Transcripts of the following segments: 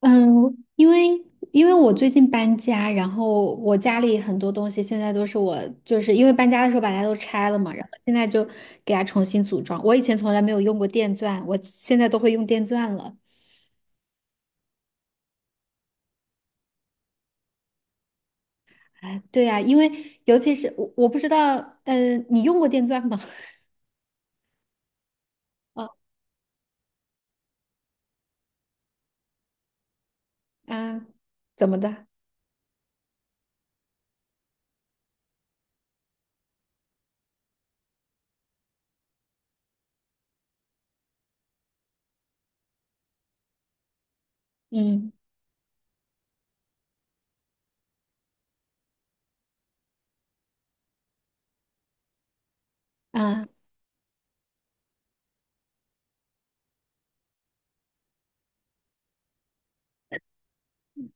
嗯，因为因为我最近搬家，然后我家里很多东西现在都是我，就是因为搬家的时候把它都拆了嘛，然后现在就给它重新组装。我以前从来没有用过电钻，我现在都会用电钻了。哎，对呀，因为尤其是我不知道，你用过电钻吗？啊，啊，怎么的？嗯，啊，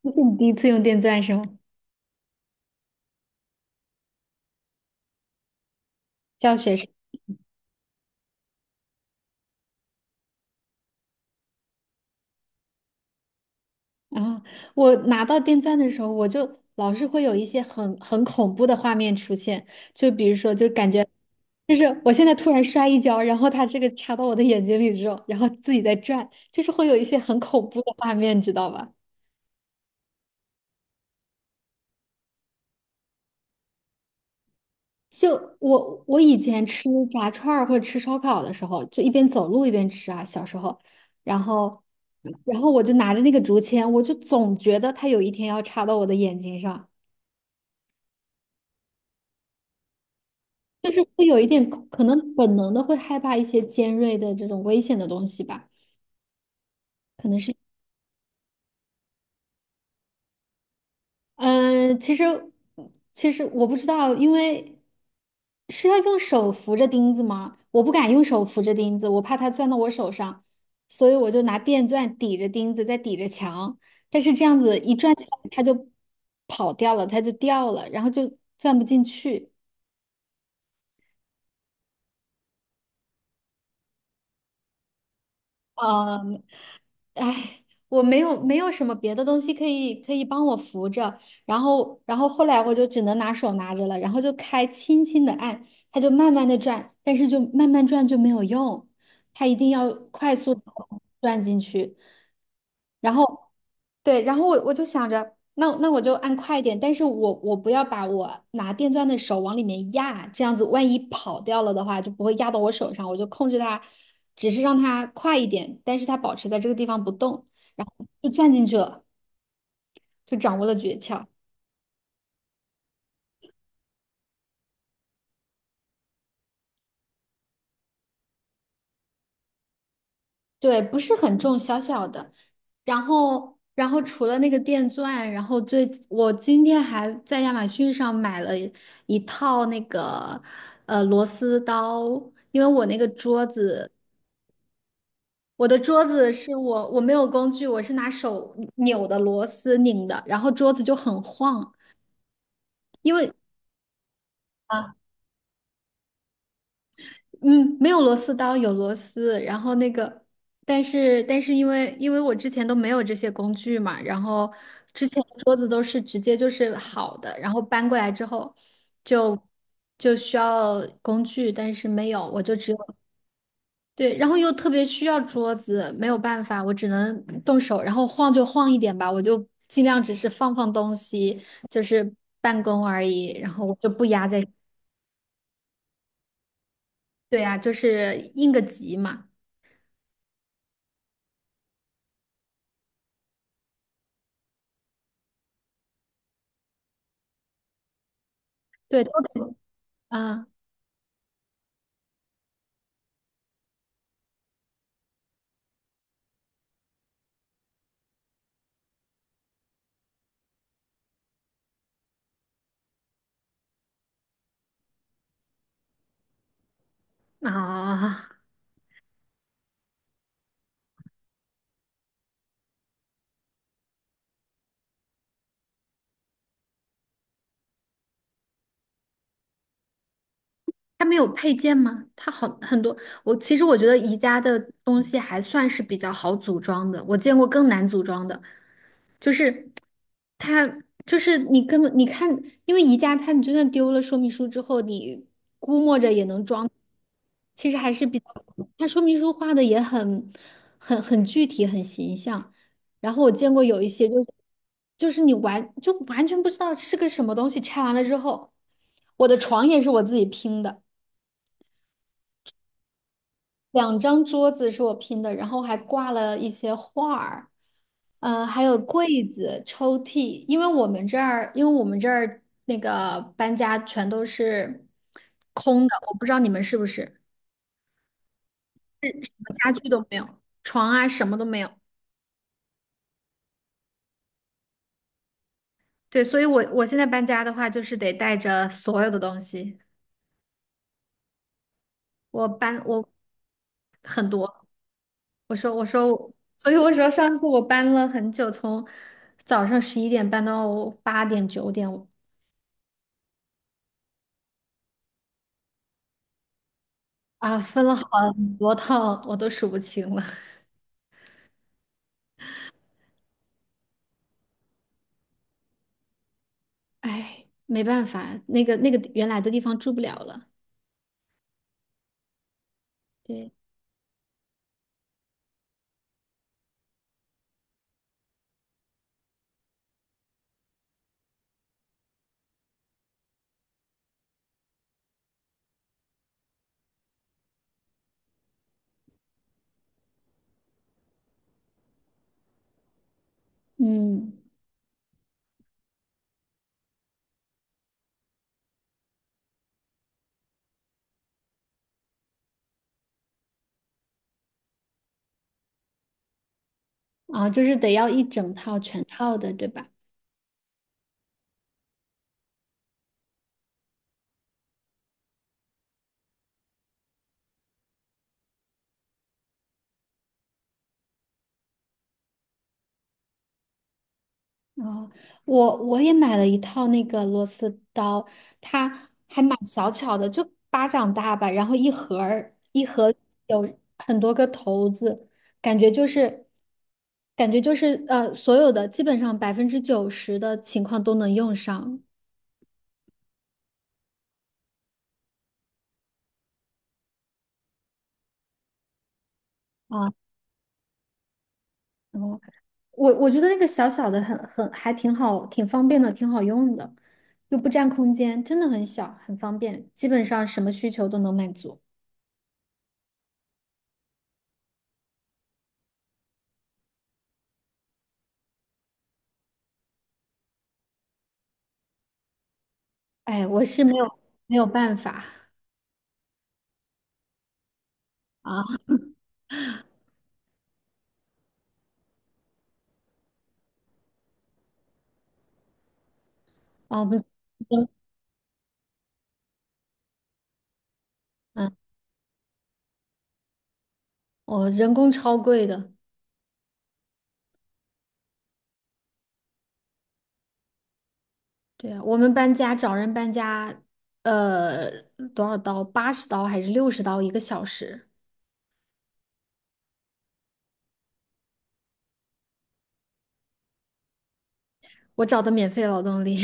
这是你第一次用电钻是吗？教学是？啊，我拿到电钻的时候，我就老是会有一些很恐怖的画面出现，就比如说，就感觉就是我现在突然摔一跤，然后它这个插到我的眼睛里之后，然后自己在转，就是会有一些很恐怖的画面，知道吧？就我以前吃炸串儿或者吃烧烤的时候，就一边走路一边吃啊，小时候，然后然后我就拿着那个竹签，我就总觉得它有一天要插到我的眼睛上。就是会有一点可能本能的会害怕一些尖锐的这种危险的东西吧，可能是，嗯、其实其实我不知道，因为是要用手扶着钉子吗？我不敢用手扶着钉子，我怕它钻到我手上，所以我就拿电钻抵着钉子，再抵着墙，但是这样子一转起来，它就跑掉了，它就掉了，然后就钻不进去。嗯，哎，我没有什么别的东西可以帮我扶着，然后后来我就只能拿手拿着了，然后就开轻轻的按，它就慢慢的转，但是就慢慢转就没有用，它一定要快速地转进去，然后对，然后我就想着，那我就按快一点，但是我不要把我拿电钻的手往里面压，这样子万一跑掉了的话，就不会压到我手上，我就控制它，只是让它快一点，但是它保持在这个地方不动，然后就钻进去了，就掌握了诀窍。对，不是很重，小小的。然后除了那个电钻，然后最，我今天还在亚马逊上买了一套那个螺丝刀，因为我那个桌子，我的桌子是我没有工具，我是拿手扭的螺丝拧的，然后桌子就很晃，因为。啊。嗯，没有螺丝刀，有螺丝。然后那个，但是因为我之前都没有这些工具嘛，然后之前的桌子都是直接就是好的，然后搬过来之后就就需要工具，但是没有，我就只有对，然后又特别需要桌子，没有办法，我只能动手，然后晃就晃一点吧，我就尽量只是放放东西，就是办公而已，然后我就不压在，对呀，就是应个急嘛。对，都得啊啊，它没有配件吗？它好很多。我其实我觉得宜家的东西还算是比较好组装的，我见过更难组装的，就是它就是你根本你看，因为宜家它你就算丢了说明书之后，你其实还是比它说明书画的也很很具体很形象。然后我见过有一些就是你就完全不知道是个什么东西，拆完了之后，我的床也是我自己拼的。两张桌子是我拼的，然后还挂了一些画儿，还有柜子、抽屉，因为我们这儿，那个搬家全都是空的，我不知道你们是不是，什么家具都没有，床啊什么都没有。对，所以我现在搬家的话，就是得带着所有的东西，我搬我很多，我说，所以我说上次我搬了很久，从早上11点搬到8、9点。啊，分了很多套，我都数不清了。哎，没办法，那个原来的地方住不了了。对，嗯，啊，就是得要一整套全套的，对吧？哦，我也买了一套那个螺丝刀，它还蛮小巧的，就巴掌大吧，然后一盒有很多个头子，感觉就是所有的基本上90%的情况都能用上啊。然后。我觉得那个小小的很还挺好，挺方便的，挺好用的，又不占空间，真的很小，很方便，基本上什么需求都能满足。哎，我是没有办法啊啊，人嗯，我人工超贵的，对啊，我们搬家找人搬家，呃，多少刀？80刀还是60刀1个小时？我找的免费劳动力，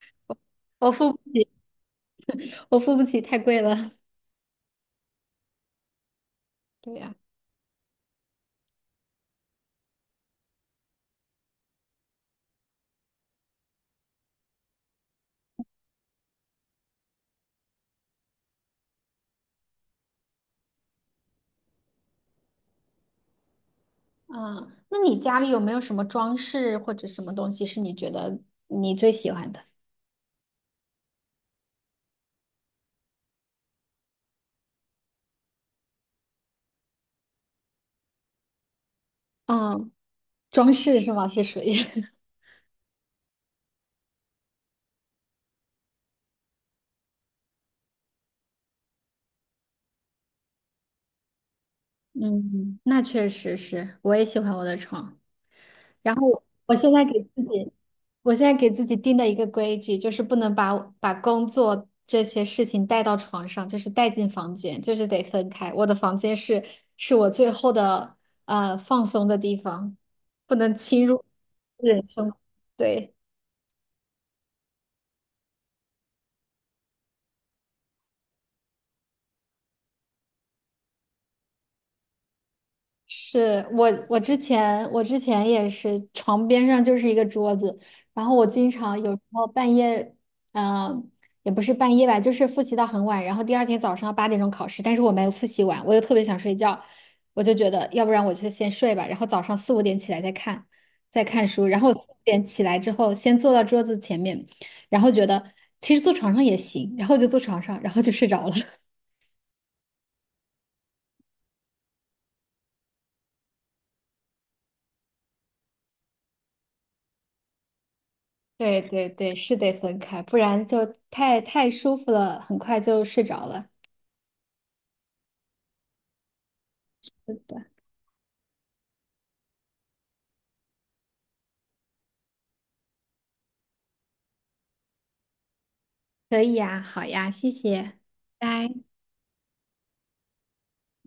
我付不起，我付不起，太贵了。对呀。啊，那你家里有没有什么装饰或者什么东西是你觉得你最喜欢的？嗯，装饰是吗？是属于，嗯，那确实是，我也喜欢我的床。然后我现在给自己定的一个规矩就是不能把工作这些事情带到床上，就是带进房间，就是得分开。我的房间是我最后的放松的地方，不能侵入人生。对。是我，我之前也是床边上就是一个桌子，然后我经常有时候半夜，嗯、也不是半夜吧，就是复习到很晚，然后第二天早上8点钟考试，但是我没有复习完，我又特别想睡觉，我就觉得要不然我就先睡吧，然后早上四五点起来再看，书，然后我四五点起来之后先坐到桌子前面，然后觉得其实坐床上也行，然后就坐床上，然后就睡着了。对对对，是得分开，不然就太舒服了，很快就睡着了。可以呀，好呀，谢谢，拜。